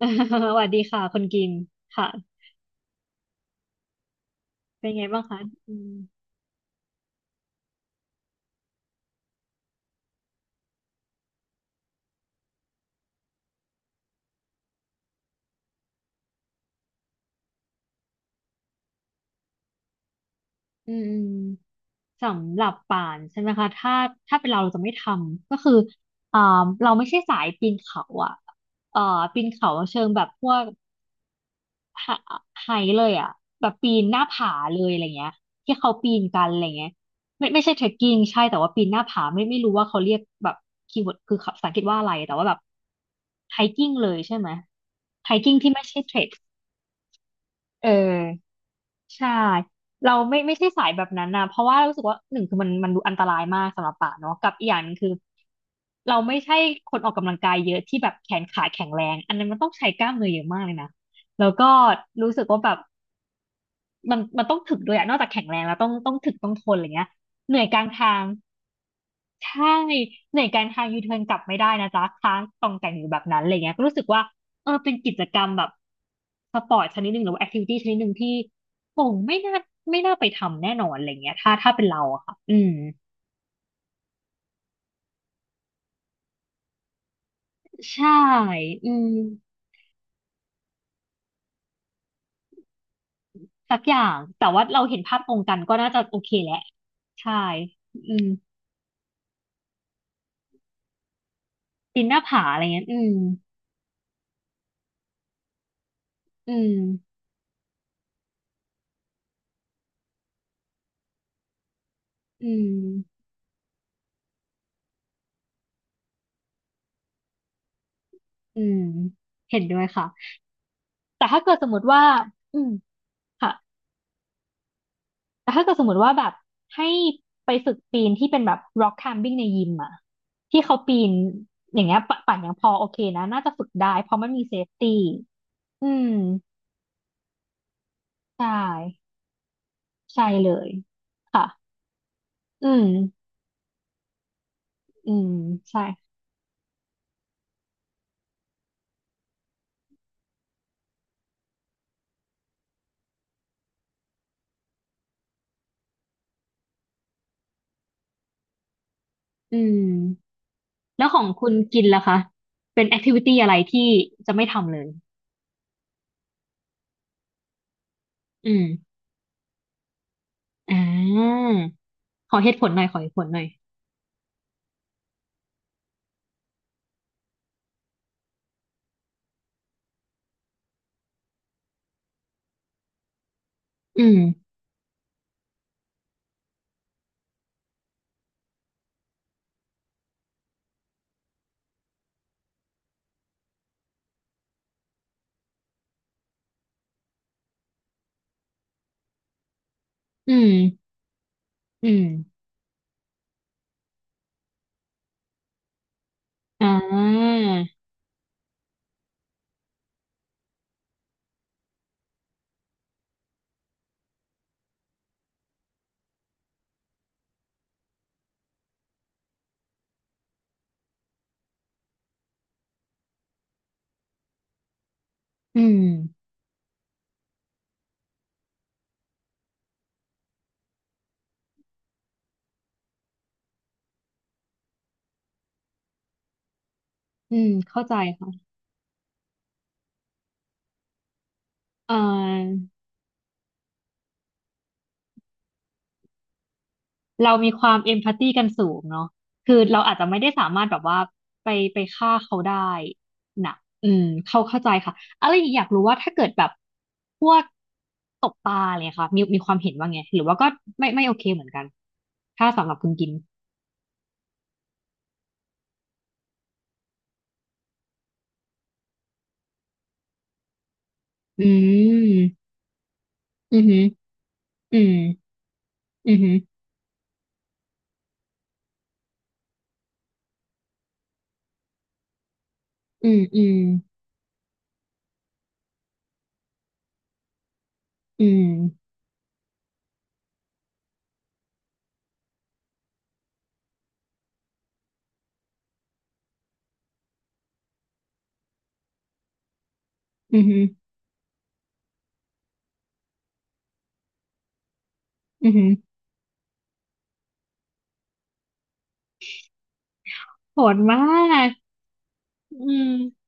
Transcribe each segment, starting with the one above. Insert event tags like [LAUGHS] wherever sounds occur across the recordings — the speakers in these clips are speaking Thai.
[LAUGHS] สวัสดีค่ะคนกินค่ะเป็นไงบ้างคะอืมอืมสำหรับป่านใช่ไหมคะถ้าถ้าเป็นเราจะไม่ทำก็คืออ่าเราไม่ใช่สายปีนเขาอ่ะเอ่อปีนเขาเชิงแบบพวกไฮไฮเลยอ่ะแบบปีนหน้าผาเลยอะไรเงี้ยที่เขาปีนกันอะไรเงี้ยไม่ใช่เทรคกิ้งใช่แต่ว่าปีนหน้าผาไม่รู้ว่าเขาเรียกแบบคีย์เวิร์ดคือภาษาอังกฤษว่าอะไรแต่ว่าแบบไฮกิ้งเลยใช่ไหมไฮกิ้งที่ไม่ใช่เทรคเออ ใช่เราไม่ใช่สายแบบนั้นนะเพราะว่ารู้สึกว่าหนึ่งคือมันดูอันตรายมากสำหรับป่าเนาะกับอีกอย่างหนึงคือเราไม่ใช่คนออกกำลังกายเยอะที่แบบแขนขาแข็งแรงอันนั้นมันต้องใช้กล้ามเนื้อเยอะมากเลยนะแล้วก็รู้สึกว่าแบบมันต้องถึกด้วยอะนอกจากแข็งแรงแล้วต้องถึกต้องทนอะไรเงี้ยเหนื่อยกลางทาง ใช่ในการทางยูเทิร์นกลับไม่ได้นะจ๊ะค้างตองแต่งอยู่แบบนั้นอะไรเงี้ยก็รู้สึกว่าเออเป็นกิจกรรมแบบสปอร์ตชนิดหนึ่งหรือว่าแอคทิวิตี้ชนิดหนึ่งที่คงไม่น่าไปทำแน่นอนอะไรเงี้ยถ้าถ้าเป็นเราอะค่ะอืมใช่อืมสักอย่างแต่ว่าเราเห็นภาพตรงกันก็น่าจะโอเคแหละใช่อืมปีนหน้าผาอะไรเงี้ยอืมอืมอืมเห็นด้วยค่ะแต่ถ้าเกิดสมมติว่าอืมค่ะ แต่ถ้าเกิดสมมติว่าแบบให้ไปฝึกปีนที่เป็นแบบ rock climbing ในยิมอะที่เขาปีนอย่างเงี้ยปะปั่นยังพอโอเคนะน่าจะฝึกได้เพราะมันมี safety อืมใช่ใช่เลยค่ะอืมอืมใช่อืมแล้วของคุณกินล่ะคะเป็นแอคทิวิตี้อะไรที่จะไม่ทำเลยอืมอ่าขอเหตุผลหน่อยขอเหตุผลหน่อยอืมอืมอืมอ่าอืมอืมเข้าใจค่ะ เออเรามีความเอมพัตตีกันสูงเนาะคือเราอาจจะไม่ได้สามารถแบบว่าไปไปฆ่าเขาได้นะอืมเขาเข้าใจค่ะอะไรอีกอยากรู้ว่าถ้าเกิดแบบพวกตกปลาอะไรเนี่ยค่ะมีมีความเห็นว่าไงหรือว่าก็ไม่โอเคเหมือนกันถ้าสำหรับคุณกินอืมอือหืออืมอือหืออืมอืมอืมอือหืออือหือโหดมากอืม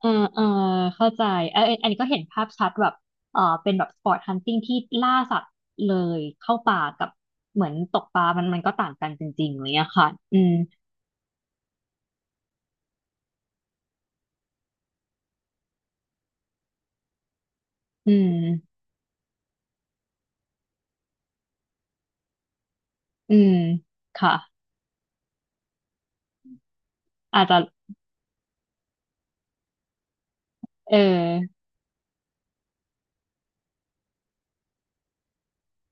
เออเออเข้าใจเอออันนี้ก็เห็นภาพชัดแบบเออเป็นแบบสปอร์ตฮันติ g งที่ล่าสัตว์เลยเข้าป่ากับเหมือนตกปลามันก็ต่างกันจริงๆอะไรเลยอะค่ะอืมอืมอืมค่ะ อาจจะ เออ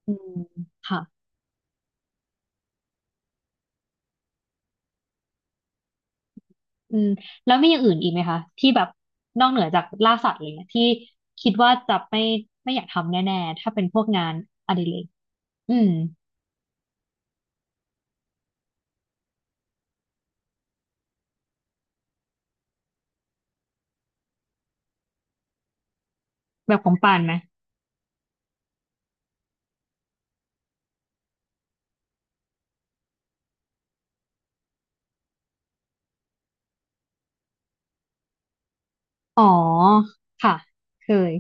อืมค่ะอืมแล้วมีอย่างอื่นอีกไหมคะที่แบบนอกเหนือจากล่าสัตว์อะไรเงี้ยที่คิดว่าจะไม่อยากทำแน่ๆถ้าเป็นพวกงานอดิเรกอืมแบบของปานไหม อ๋อ ค่ะเคย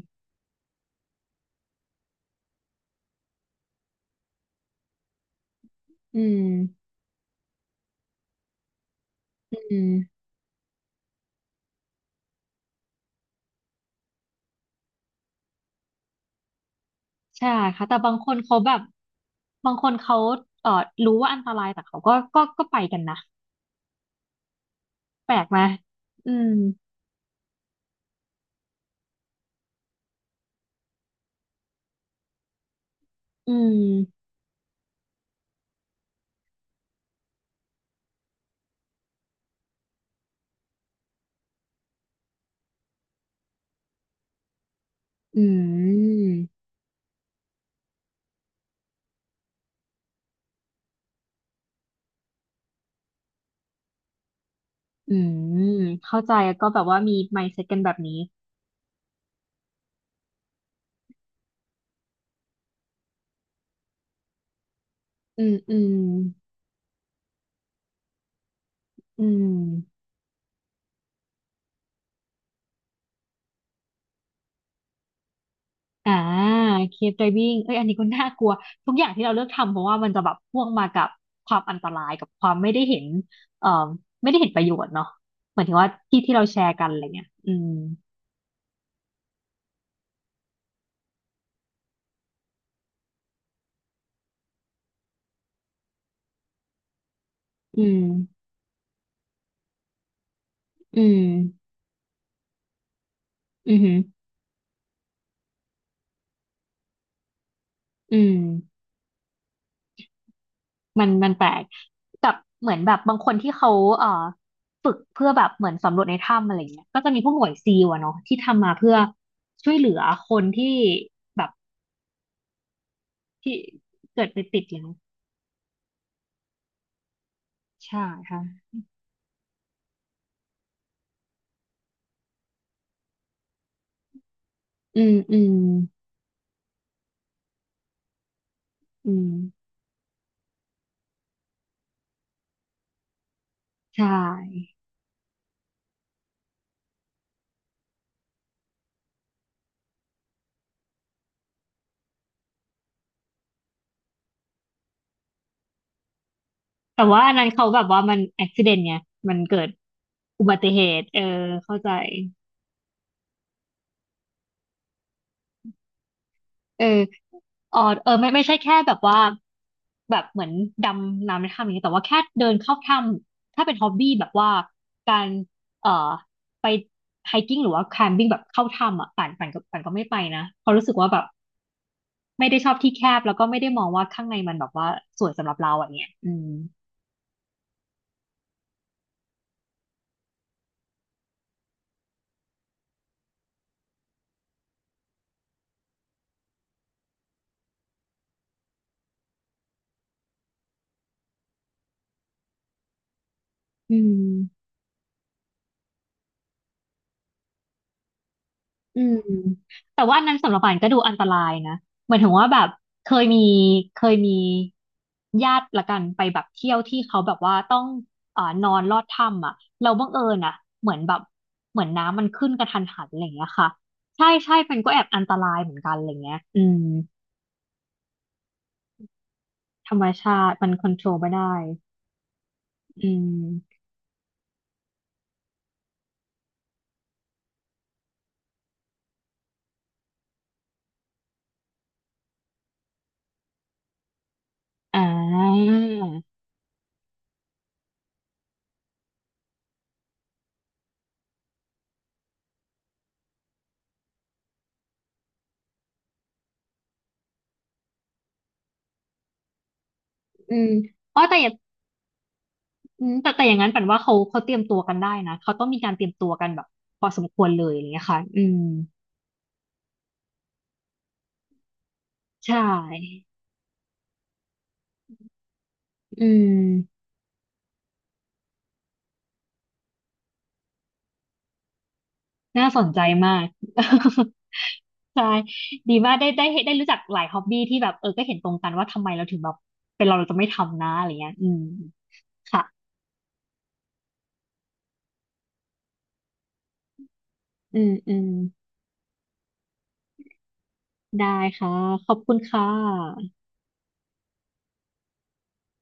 อืมอืม ใช่ค่ะแต่บางคนเขาแบบบางคนเขาเอ่อรู้ว่าอันตรายแต่เขาก็ก็ไปกันนะแปลกไหมอืมอืมอืมอืมเข้าใจก็แบบว่ามี mindset กันแบบนี้อืมอืมอืมอ่าเคฟไดวิ่งเอ้ยอันนี้ก็น่ากลัวทุกอย่างที่เราเลือกทำเพราะว่ามันจะแบบพ่วงมากับความอันตรายกับความไม่ได้เห็นเอ่อไม่ได้เห็นประโยชน์เนาะเหมือนถึงว่าที่เราแชร์กันอะไรเงี้ยอืมอืม อือหืออืมมันแปลกกับเหมือนแบบบางคนที่เขาเอ่อฝึก เพื่อแบบเหมือนสำรวจในถ้ำอะไรเงี้ยก็จะมีพวกหน่วยซีลอะเนาะที่ทำมาเพื่อช่วยเหลือคนที่แบบที่เกิดไปติดอยู่เนอะใช่ค่ะอืมอืมอืมใช่ แต่ว่าอันนั้นเขาแบบว่ามันอุบัติเหตุไงมันเกิดอุบัติเหตุเออเข้าใจเออ อ๋อเออไม่ใช่แค่แบบว่าแบบเหมือนดำน้ำในถ้ำอย่างนี้ยแต่ว่าแค่เดินเข้าถ้ำถ้าเป็นฮอบบี้แบบว่าการเอ่อไปไฮกิ้งหรือว่าแคมปิ้งแบบเข้าถ้ำอ่ะป่านป่านก็ไม่ไปนะเพราะรู้สึกว่าแบบไม่ได้ชอบที่แคบแล้วก็ไม่ได้มองว่าข้างในมันแบบว่าสวยสำหรับเราอ่ะเนี่ยอืม อืมแต่ว่าอันนั้นสำหรับป่านก็ดูอันตรายนะเหมือนถึงว่าแบบเคยมีเคยมีญาติละกันไปแบบเที่ยวที่เขาแบบว่าต้องนอนลอดถ้ำอ่ะเราบังเอิญอ่ะเหมือนแบบเหมือนน้ำมันขึ้นกระทันหันอะไรอย่างเงี้ยค่ะใช่ใช่มันก็แอบอันตรายเหมือนกันอะไรเงี้ยอืมธรรมชาติมันคอนโทรลไม่ได้อืมอ่าอืมอ๋อแต่ อืมแต่อย่างนั้นปันว่าเขาเตรียมตัวกันได้นะเขาต้องมีการเตรียมตัวกันแบบพอสมควรเลยอย่างเงี้ยค่ะอืมใช่อืมน่าสนใจมาก [LAUGHS] ใช่ดีมากได้รู้จักหลายฮ็อบบี้ที่แบบเออก็เห็นตรงกันว่าทำไมเราถึงแบบเป็นเราจะไม่ทำนะอะไรเงี้ยอืมค่ะอืมได้ค่ะขอบคุณค่ะ